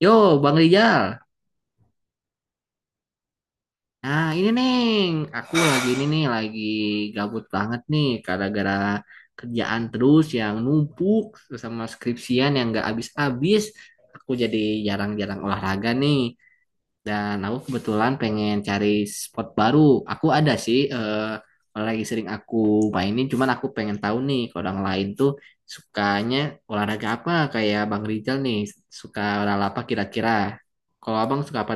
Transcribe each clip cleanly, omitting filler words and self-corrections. Yo, Bang Rijal. Nah, ini Neng, aku lagi ini nih, lagi gabut banget nih, gara-gara kerjaan terus yang numpuk terus sama skripsian yang gak habis-habis. Aku jadi jarang-jarang olahraga nih, dan aku kebetulan pengen cari spot baru. Aku ada sih, lagi sering aku mainin, cuman aku pengen tahu nih, kalau orang lain tuh sukanya olahraga apa, kayak Bang Rijal nih, suka olahraga apa kira-kira. Kalau abang suka apa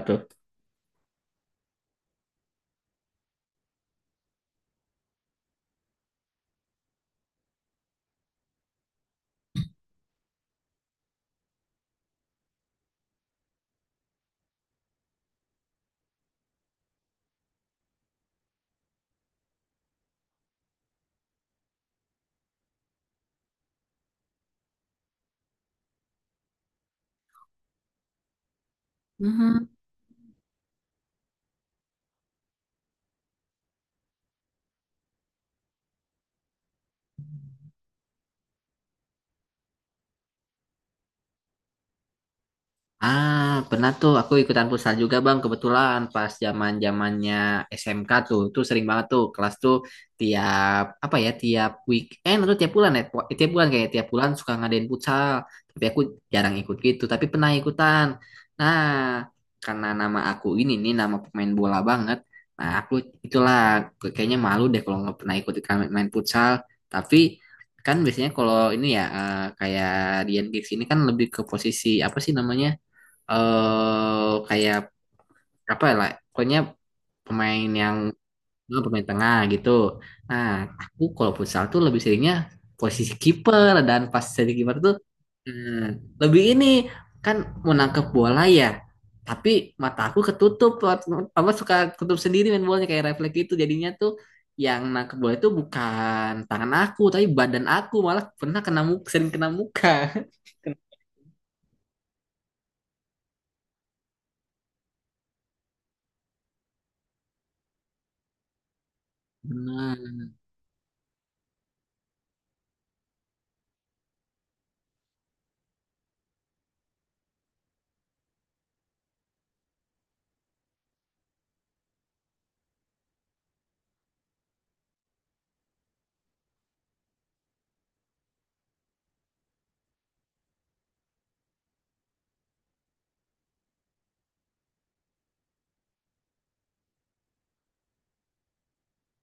tuh? Ah, pernah tuh aku ikutan futsal juga Bang, kebetulan pas zaman-zamannya SMK tuh, tuh sering banget tuh kelas tuh tiap apa ya, tiap weekend atau tiap bulan ya, tiap bulan kayak tiap bulan suka ngadain futsal. Tapi aku jarang ikut gitu, tapi pernah ikutan. Nah, karena nama aku ini nih nama pemain bola banget. Nah, aku itulah kayaknya malu deh kalau nggak pernah ikut ikut main futsal. Tapi kan biasanya kalau ini ya kayak Dian Gigs ini kan lebih ke posisi apa sih namanya? Kayak apa lah pokoknya pemain yang pemain tengah gitu. Nah, aku kalau futsal tuh lebih seringnya posisi kiper dan pas jadi kiper tuh eh, lebih ini kan mau nangkep bola ya. Tapi mata aku ketutup apa suka ketutup sendiri main bolanya kayak refleks itu jadinya tuh yang nangkep bola itu bukan tangan aku tapi badan aku malah pernah kena muka, sering kena muka. Benar.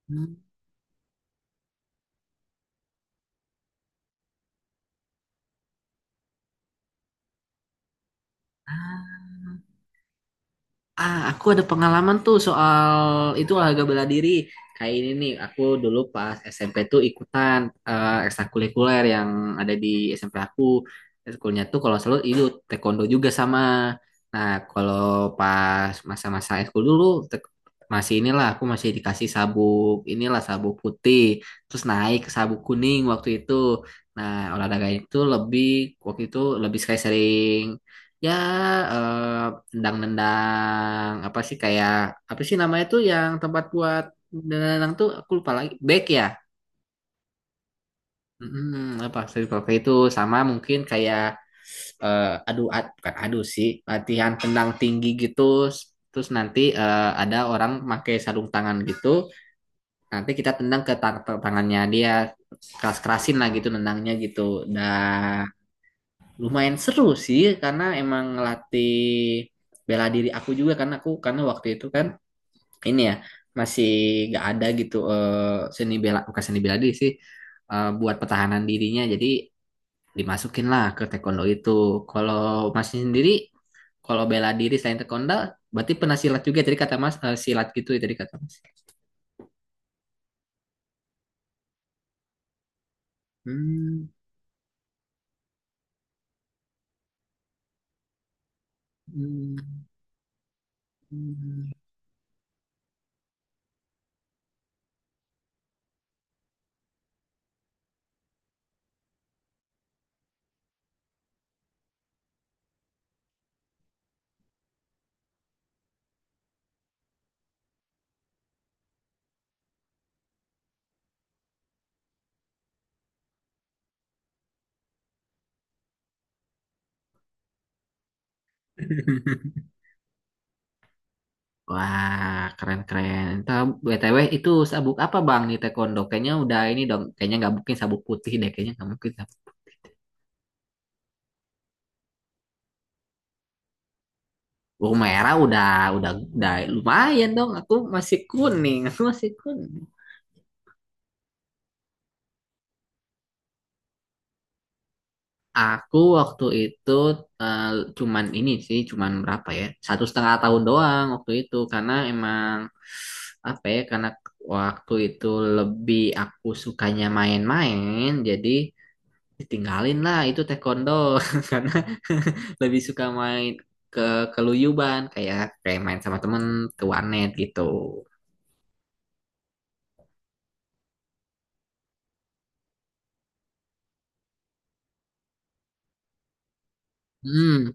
Hmm. Ah, aku ada pengalaman tuh soal itu olahraga bela diri. Kayak ini nih, aku dulu pas SMP tuh ikutan ekstrakurikuler yang ada di SMP aku. Ekskulnya tuh kalau selalu itu taekwondo juga sama. Nah, kalau pas masa-masa ekskul dulu te- masih inilah aku masih dikasih sabuk inilah sabuk putih, terus naik ke sabuk kuning waktu itu. Nah, olahraga itu lebih waktu itu lebih kayak sering ya eh, nendang-nendang apa sih kayak apa sih namanya tuh yang tempat buat nendang tuh aku lupa lagi back ya apa circle kayak itu sama mungkin kayak adu ad, bukan adu sih latihan tendang tinggi gitu terus nanti ada orang pakai sarung tangan gitu nanti kita tendang ke tangannya dia keras-kerasin lah gitu nendangnya gitu nah lumayan seru sih karena emang ngelatih bela diri aku juga karena aku karena waktu itu kan ini ya masih gak ada gitu seni bela bukan seni bela diri sih buat pertahanan dirinya jadi dimasukin lah ke taekwondo itu kalau masih sendiri kalau bela diri selain taekwondo berarti pernah silat juga tadi kata mas eh, silat gitu ya tadi kata mas. Hmm. Hmm. Wah, keren-keren. Entah, BTW itu sabuk apa Bang di taekwondo? Kayaknya udah ini dong, kayaknya nggak mungkin sabuk putih deh, kayaknya nggak mungkin. Sabuk oh, merah udah, udah lumayan dong. Aku masih kuning, aku masih kuning. Aku waktu itu eh, cuman ini sih, cuman berapa ya? 1,5 tahun doang waktu itu, karena emang apa ya? Karena waktu itu lebih aku sukanya main-main, jadi tinggalin lah itu taekwondo karena lebih suka main ke keluyuban kayak kayak main sama temen ke warnet gitu. Hmm.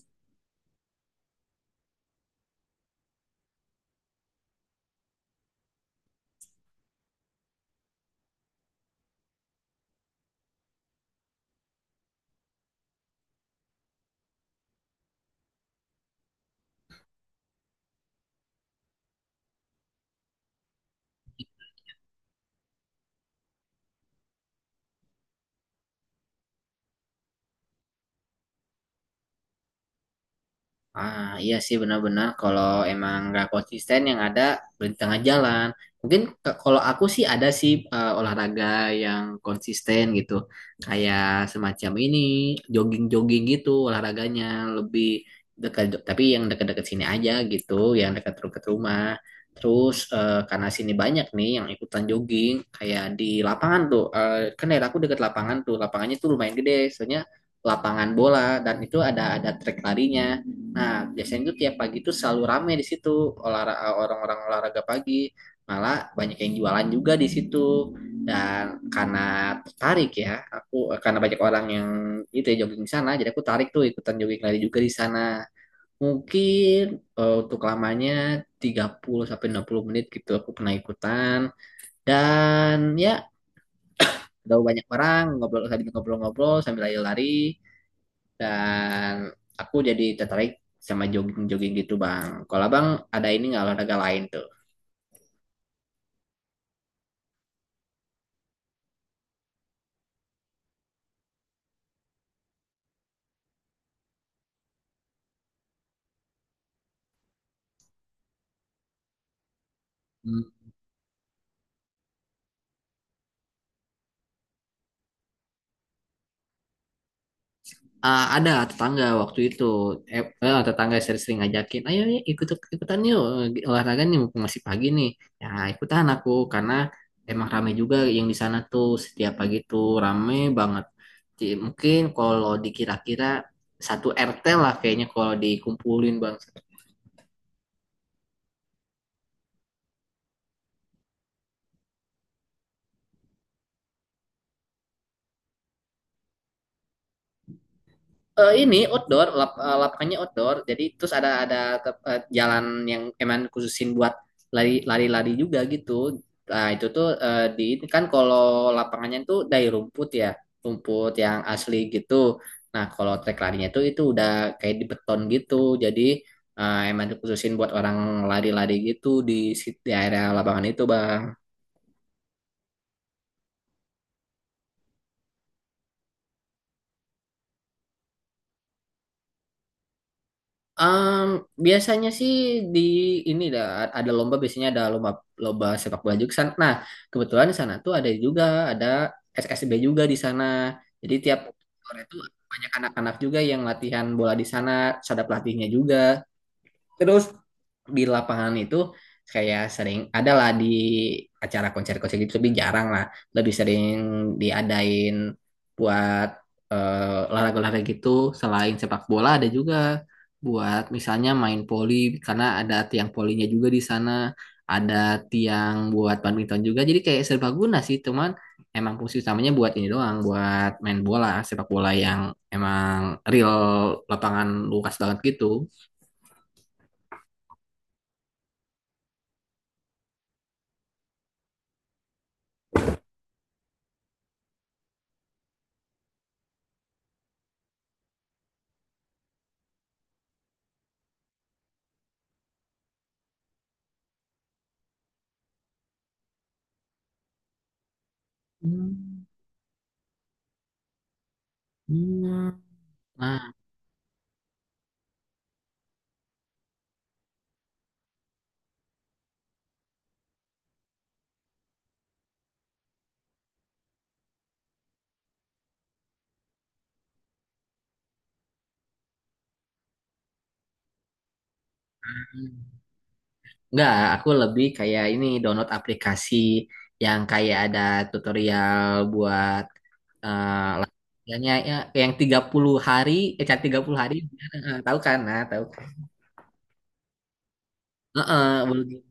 Ah, iya sih benar-benar kalau emang nggak konsisten yang ada berhenti tengah jalan. Mungkin kalau aku sih ada sih olahraga yang konsisten gitu. Kayak semacam ini, jogging-jogging gitu olahraganya lebih dekat tapi yang dekat-dekat sini aja gitu, yang dekat dekat rumah. Terus karena sini banyak nih yang ikutan jogging kayak di lapangan tuh. Eh, kan daerah aku dekat lapangan tuh. Lapangannya tuh lumayan gede, soalnya lapangan bola dan itu ada trek larinya. Nah, biasanya itu tiap pagi tuh selalu rame di situ olahraga orang-orang olahraga pagi. Malah banyak yang jualan juga di situ. Dan karena tertarik ya, aku karena banyak orang yang itu ya jogging di sana, jadi aku tarik tuh ikutan jogging lari juga di sana. Mungkin untuk lamanya 30 sampai 60 menit gitu aku pernah ikutan. Dan ya, udah banyak orang ngobrol sambil ngobrol-ngobrol sambil lari-lari dan aku jadi tertarik sama jogging-jogging gitu bang. Kalau abang ada ini nggak olahraga lain tuh? Hmm. Ah, ada tetangga waktu itu tetangga sering-sering ngajakin ayo ya ikut ikutan yuk olahraga nih mumpung masih pagi nih ya ikutan aku karena emang rame juga yang di sana tuh setiap pagi tuh rame banget. Jadi, mungkin kalau dikira-kira satu RT lah kayaknya kalau dikumpulin bang. Eh, ini outdoor, lapangannya outdoor. Jadi terus ada jalan yang emang khususin buat lari lari-lari juga gitu. Nah, itu tuh di ini kan kalau lapangannya tuh dari rumput ya, rumput yang asli gitu. Nah, kalau trek larinya tuh itu udah kayak di beton gitu. Jadi emang dikhususin buat orang lari-lari gitu di area lapangan itu, Bang. Em, Biasanya sih di ini dah ada lomba biasanya ada lomba lomba sepak bola juga di sana. Nah, kebetulan di sana tuh ada juga ada SSB juga di sana. Jadi tiap sore itu banyak anak-anak juga yang latihan bola di sana, terus ada pelatihnya juga. Terus di lapangan itu kayak sering adalah di acara konser-konser gitu tapi jarang lah. Lebih sering diadain buat olahraga-olahraga gitu selain sepak bola ada juga buat misalnya main poli karena ada tiang polinya juga di sana, ada tiang buat badminton juga. Jadi kayak serbaguna sih, cuman emang fungsi utamanya buat ini doang, buat main bola, sepak bola yang emang real lapangan luas banget gitu. Hmm. Hmm. Nah, enggak, aku lebih kayak ini download aplikasi yang kayak ada tutorial buat kayaknya ya, yang 30 hari, eh cara 30 hari tahu kan? Nah, tahu kan? Heeh, belum.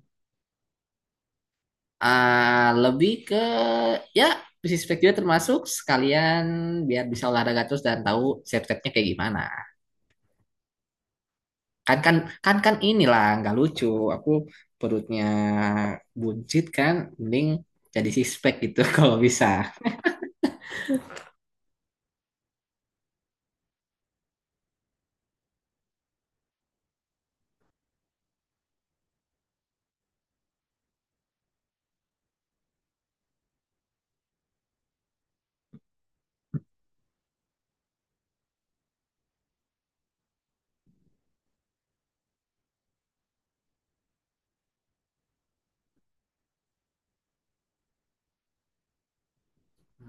Ah, lebih ke ya fisik juga termasuk sekalian biar bisa olahraga terus dan tahu step-stepnya kayak gimana. Kan kan kan kan inilah nggak lucu aku perutnya buncit kan mending jadi sixpack gitu kalau bisa.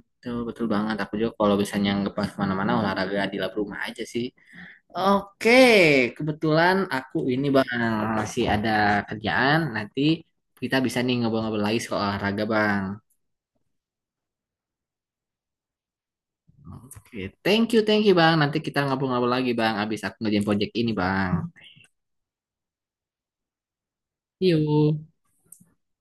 Betul, betul banget. Aku juga kalau misalnya nggak pas kemana-mana olahraga di lab rumah aja sih. Oke, kebetulan aku ini bang masih ada kerjaan. Nanti kita bisa nih ngobrol-ngobrol lagi soal olahraga bang. Oke, thank you bang. Nanti kita ngobrol-ngobrol lagi bang. Abis aku ngerjain project ini bang. See you.